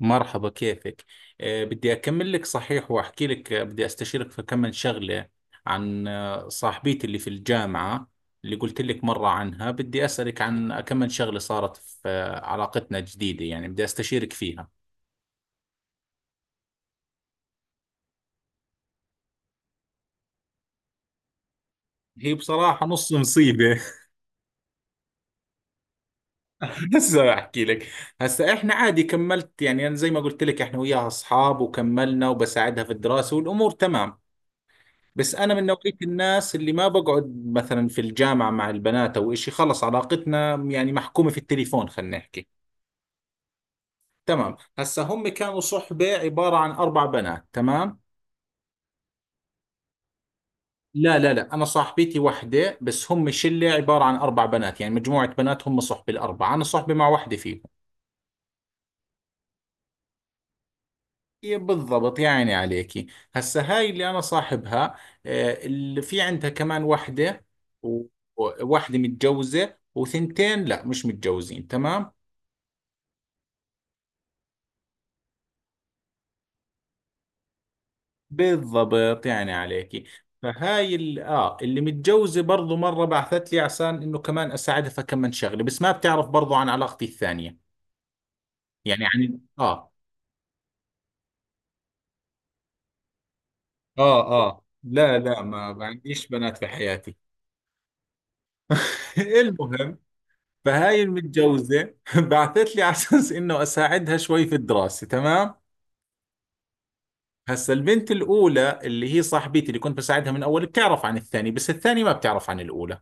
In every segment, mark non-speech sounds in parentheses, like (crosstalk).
مرحبا، كيفك؟ بدي أكمل لك صحيح، وأحكي لك. بدي أستشيرك في كم من شغلة عن صاحبيتي اللي في الجامعة، اللي قلت لك مرة عنها. بدي أسألك عن كم من شغلة صارت في علاقتنا الجديدة، يعني بدي أستشيرك فيها. هي بصراحة نص مصيبة. (laughs) هسه أحكي لك. هسه إحنا عادي كملت، يعني أنا زي ما قلت لك إحنا وياها أصحاب، وكملنا وبساعدها في الدراسة والأمور تمام. بس انا من نوعية الناس اللي ما بقعد مثلا في الجامعة مع البنات او اشي، خلص علاقتنا يعني محكومة في التليفون، خلينا نحكي. تمام، هسا هم كانوا صحبة عبارة عن اربع بنات، تمام. لا لا لا، انا صاحبتي وحدة بس، هم شلة عبارة عن اربع بنات، يعني مجموعة بنات، هم صحبة الاربعة، انا صحبة مع وحدة فيهم. إيه بالضبط، يا عيني عليكي. هسا هاي اللي انا صاحبها، اللي في عندها كمان وحدة، و- وواحدة متجوزة، وثنتين لا، مش متجوزين، تمام. بالضبط، يعني عليكي. فهاي ال... اه اللي متجوزة برضو مرة بعثت لي عشان انه كمان اساعدها فكمن شغلة، بس ما بتعرف برضو عن علاقتي الثانية. يعني عن اه لا لا، ما عنديش بنات في حياتي. (laughs) المهم، فهاي المتجوزة (laughs) بعثت لي على اساس (laughs) انه اساعدها شوي في الدراسة، تمام. هسا البنت الاولى اللي هي صاحبتي اللي كنت بساعدها من اول بتعرف عن الثانية، بس الثانية ما بتعرف عن الاولى.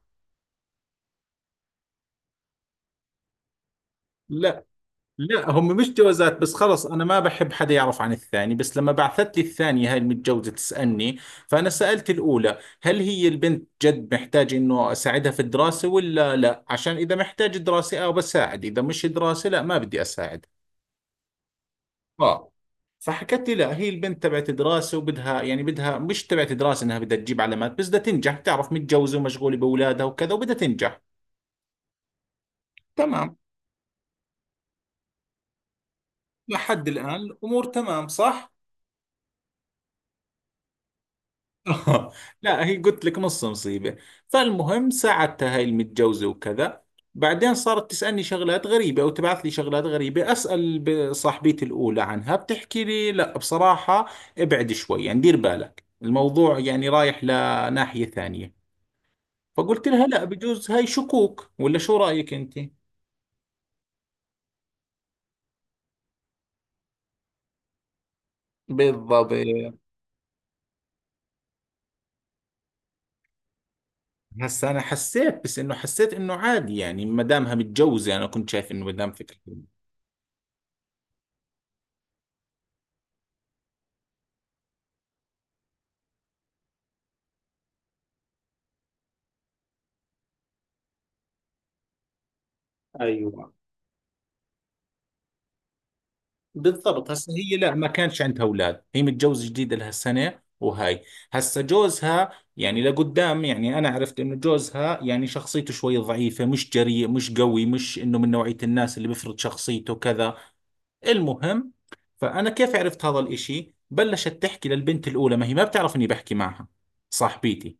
لا، لا هم مش جوازات، بس خلص أنا ما بحب حدا يعرف عن الثاني. بس لما بعثت لي الثانية هاي المتجوزة تسألني، فأنا سألت الأولى هل هي البنت جد محتاج إنه أساعدها في الدراسة ولا لا، عشان إذا محتاج دراسة أو بساعد، إذا مش دراسة لا، ما بدي أساعد. آه. فحكت لي لا، هي البنت تبعت دراسة وبدها، يعني بدها مش تبعت دراسة، إنها بدها تجيب علامات، بس بدها تنجح، تعرف متجوزة ومشغولة بأولادها وكذا، وبدها تنجح. تمام. لحد الآن الأمور تمام، صح؟ (laughs) آه، لا، هي قلت لك نص مصيبة. فالمهم، ساعدتها هاي المتجوزة وكذا. بعدين صارت تسألني شغلات غريبة أو تبعث لي شغلات غريبة، أسأل صاحبتي الأولى عنها، بتحكي لي لا بصراحة، ابعد شوي، يعني دير بالك، الموضوع يعني رايح لناحية ثانية. فقلت لها لا، بجوز هاي شكوك، ولا شو رأيك أنت؟ بالضبط. هسا أنا حسيت، بس إنه حسيت إنه عادي، يعني ما دامها متجوزة أنا كنت شايف إنه ما دام فكرة. ايوه، بالضبط. هسه هي لا، ما كانش عندها اولاد، هي متجوزه جديد، لها سنه، وهاي. هسه جوزها، يعني لقدام، يعني انا عرفت انه جوزها يعني شخصيته شوي ضعيفه، مش جريء، مش قوي، مش انه من نوعيه الناس اللي بيفرض شخصيته كذا. المهم، فانا كيف عرفت هذا الاشي بلشت تحكي للبنت الاولى، ما هي ما بتعرف اني بحكي معها، صاحبتي.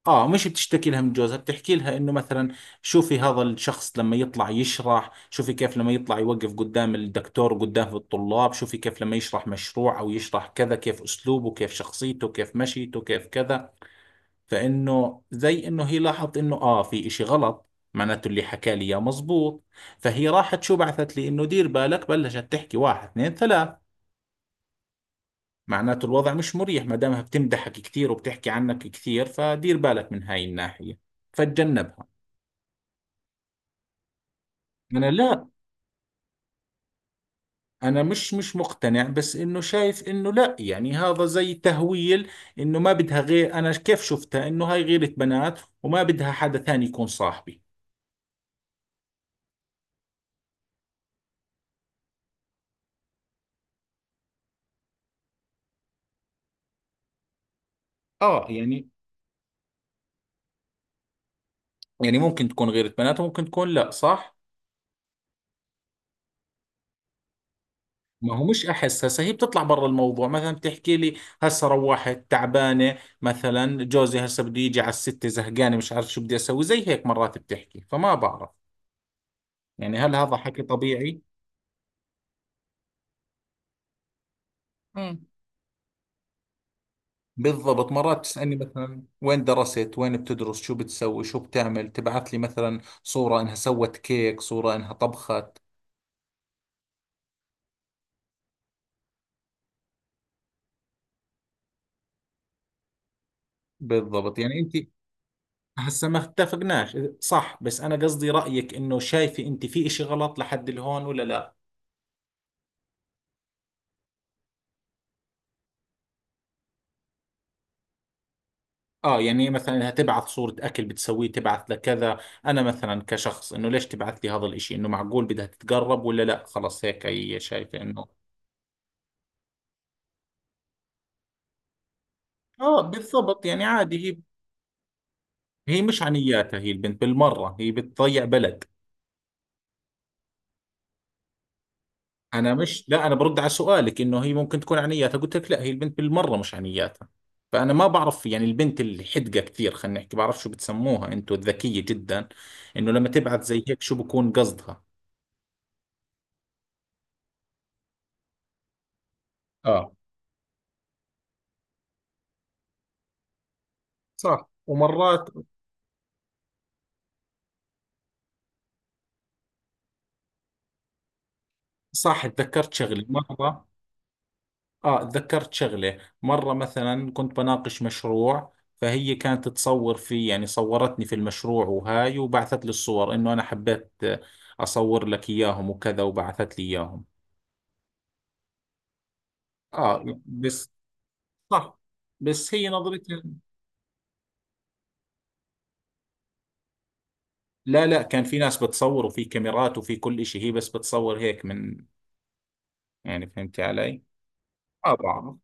اه، مش بتشتكي لها من جوزها، بتحكي لها انه مثلا شوفي هذا الشخص لما يطلع يشرح، شوفي كيف لما يطلع يوقف قدام الدكتور وقدام الطلاب، شوفي كيف لما يشرح مشروع او يشرح كذا، كيف اسلوبه، كيف شخصيته، كيف مشيته، كيف كذا. فانه زي انه هي لاحظت انه اه في اشي غلط، معناته اللي حكى لي اياه مزبوط. فهي راحت شو بعثت لي، انه دير بالك بلشت تحكي واحد اثنين ثلاث، معناته الوضع مش مريح، ما دامها بتمدحك كثير وبتحكي عنك كثير، فدير بالك من هاي الناحية، فتجنبها. أنا لا، أنا مش مقتنع، بس إنه شايف إنه لا، يعني هذا زي تهويل، إنه ما بدها غير أنا، كيف شفتها إنه هاي غيرة بنات، وما بدها حدا ثاني يكون صاحبي. آه يعني. يعني ممكن تكون غيرة بنات، وممكن تكون لا، صح. ما هو مش أحس، هسه هي بتطلع برا الموضوع مثلا بتحكي لي هسه روحت تعبانة، مثلا جوزي هسه بده يجي على الستة، زهقانة، مش عارف شو بدي أسوي، زي هيك مرات بتحكي، فما بعرف يعني هل هذا حكي طبيعي؟ بالضبط، مرات تسألني مثلا وين درست، وين بتدرس، شو بتسوي، شو بتعمل، تبعث لي مثلا صورة انها سوت كيك، صورة انها طبخت. بالضبط، يعني انت. هسه ما اتفقناش، صح؟ بس انا قصدي رأيك انه شايفة انت في اشي غلط لحد الهون، ولا لا؟ اه، يعني مثلا انها تبعث صورة اكل بتسويه، تبعث لكذا، انا مثلا كشخص انه ليش تبعث لي هذا الاشي، انه معقول بدها تتقرب ولا لا، خلاص هيك هي شايفة انه. اه، بالضبط، يعني عادي هي. هي مش عنياتها، هي البنت بالمرة هي بتضيع بلد. انا مش، لا انا برد على سؤالك انه هي ممكن تكون عنياتها، قلت لك لا، هي البنت بالمره مش عنياتها. فانا ما بعرف يعني البنت اللي حدقه كثير، خلينا نحكي، بعرف شو بتسموها انتو، الذكيه جدا، انه لما تبعث زي هيك شو بكون قصدها. اه صح، ومرات، صح، تذكرت شغلة مرة. اه، تذكرت شغلة مرة، مثلا كنت بناقش مشروع، فهي كانت تصور في يعني صورتني في المشروع وهاي، وبعثت لي الصور انه انا حبيت اصور لك اياهم وكذا، وبعثت لي اياهم. اه بس، صح، بس هي نظرتها. لا لا، كان في ناس بتصور، وفي كاميرات، وفي كل إشي، هي بس بتصور هيك من، يعني فهمتي علي؟ اه بعرف،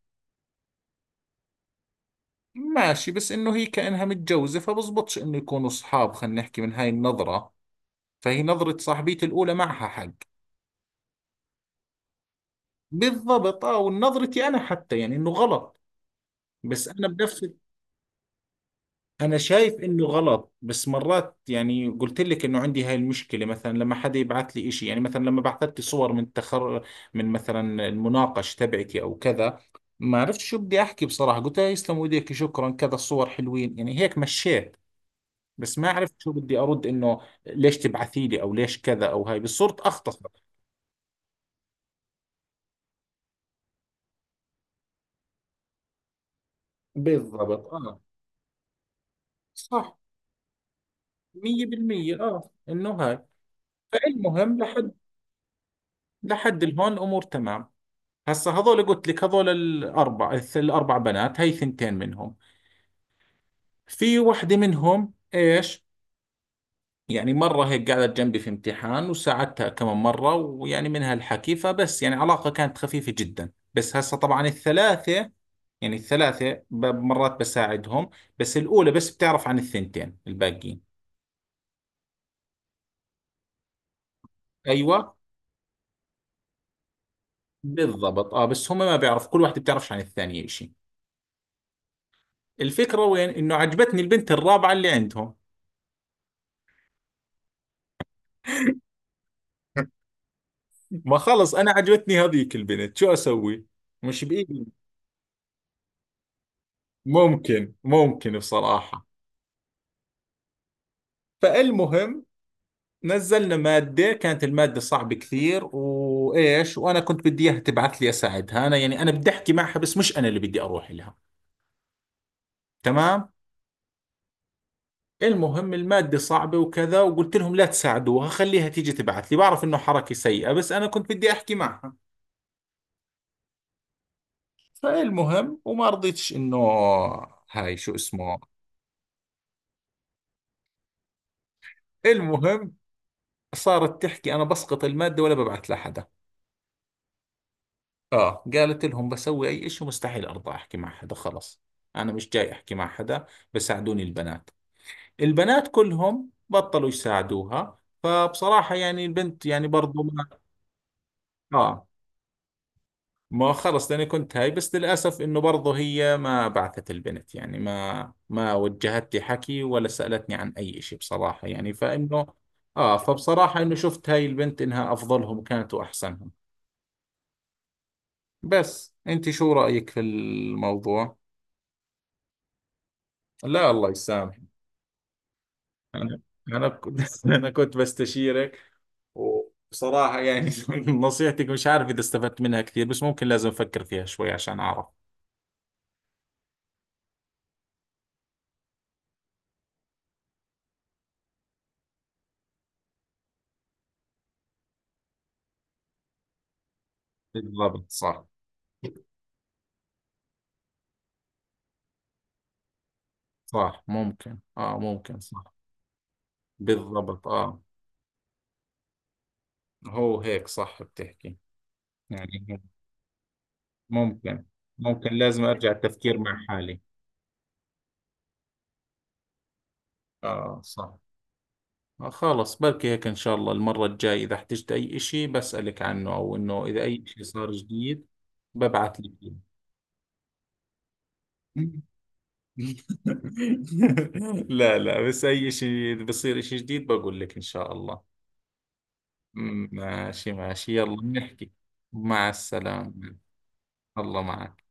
ماشي، بس انه هي كأنها متجوزة فبزبطش انه يكونوا اصحاب، خلينا نحكي من هاي النظرة، فهي نظرة صاحبيتي الأولى معها حق. بالضبط، اه، ونظرتي أنا حتى، يعني انه غلط، بس أنا بنفس. انا شايف انه غلط، بس مرات يعني قلت لك انه عندي هاي المشكله، مثلا لما حدا يبعث لي إشي، يعني مثلا لما بعثت لي صور من من مثلا المناقش تبعتي او كذا، ما عرفت شو بدي احكي بصراحه، قلت لا يسلم ايديك، شكرا، كذا الصور حلوين، يعني هيك مشيت، بس ما عرفت شو بدي ارد، انه ليش تبعثي لي، او ليش كذا، او هاي، بس صرت اختصر. بالضبط، اه، صح، 100%، اه انه هاي. فالمهم لحد الهون امور تمام. هسا هذول قلت لك، هذول الاربع الاربع بنات هي، ثنتين منهم، في وحده منهم ايش، يعني مره هيك قعدت جنبي في امتحان وساعدتها كمان مره ويعني منها الحكي، فبس يعني علاقه كانت خفيفه جدا. بس هسا طبعا الثلاثه، يعني الثلاثه مرات بساعدهم، بس الاولى بس بتعرف عن الثنتين الباقيين. ايوه، بالضبط، اه، بس هم ما بيعرف، كل واحده بتعرفش عن الثانيه شيء. الفكره وين، انه عجبتني البنت الرابعه اللي عندهم. ما خلص أنا عجبتني هذيك البنت، شو أسوي، مش بإيدي. ممكن، ممكن بصراحة. فالمهم، نزلنا مادة، كانت المادة صعبة كثير وإيش، وأنا كنت بدي إياها تبعث لي أساعدها، أنا يعني أنا بدي أحكي معها، بس مش أنا اللي بدي أروح لها. تمام. المهم، المادة صعبة وكذا، وقلت لهم لا تساعدوها، خليها تيجي تبعث لي، بعرف إنه حركة سيئة، بس أنا كنت بدي أحكي معها. فالمهم، وما رضيتش إنه هاي شو اسمه. المهم، صارت تحكي أنا بسقط المادة ولا ببعث لحدا، آه، قالت لهم بسوي أي إشي مستحيل أرضى أحكي مع حدا، خلص، أنا مش جاي أحكي مع حدا، بساعدوني البنات. البنات كلهم بطلوا يساعدوها، فبصراحة يعني البنت، يعني برضو ما، آه، ما خلص، لأني كنت هاي، بس للأسف إنه برضو هي ما بعثت البنت، يعني ما وجهت لي حكي، ولا سألتني عن أي إشي بصراحة، يعني فإنه، آه، فبصراحة إنه شفت هاي البنت إنها أفضلهم كانت وأحسنهم. بس انت شو رأيك في الموضوع؟ لا الله يسامح. انا، انا كنت، (laughs) انا كنت بستشيرك، وبصراحة يعني (laughs) نصيحتك مش عارف اذا استفدت منها كثير، بس ممكن لازم افكر فيها شوي عشان اعرف. بالضبط، صح، صح، ممكن، اه ممكن، صح. بالضبط، اه، هو هيك صح بتحكي، يعني ممكن، ممكن لازم ارجع التفكير مع حالي. اه صح. خلص، بركي هيك إن شاء الله المرة الجاي إذا احتجت أي إشي بسألك عنه، أو إنه إذا أي إشي صار جديد ببعث لك إياه. (laughs) لا لا، بس أي إشي إذا بصير إشي جديد بقول لك إن شاء الله. ماشي ماشي، يلا بنحكي. مع السلامة. الله معك.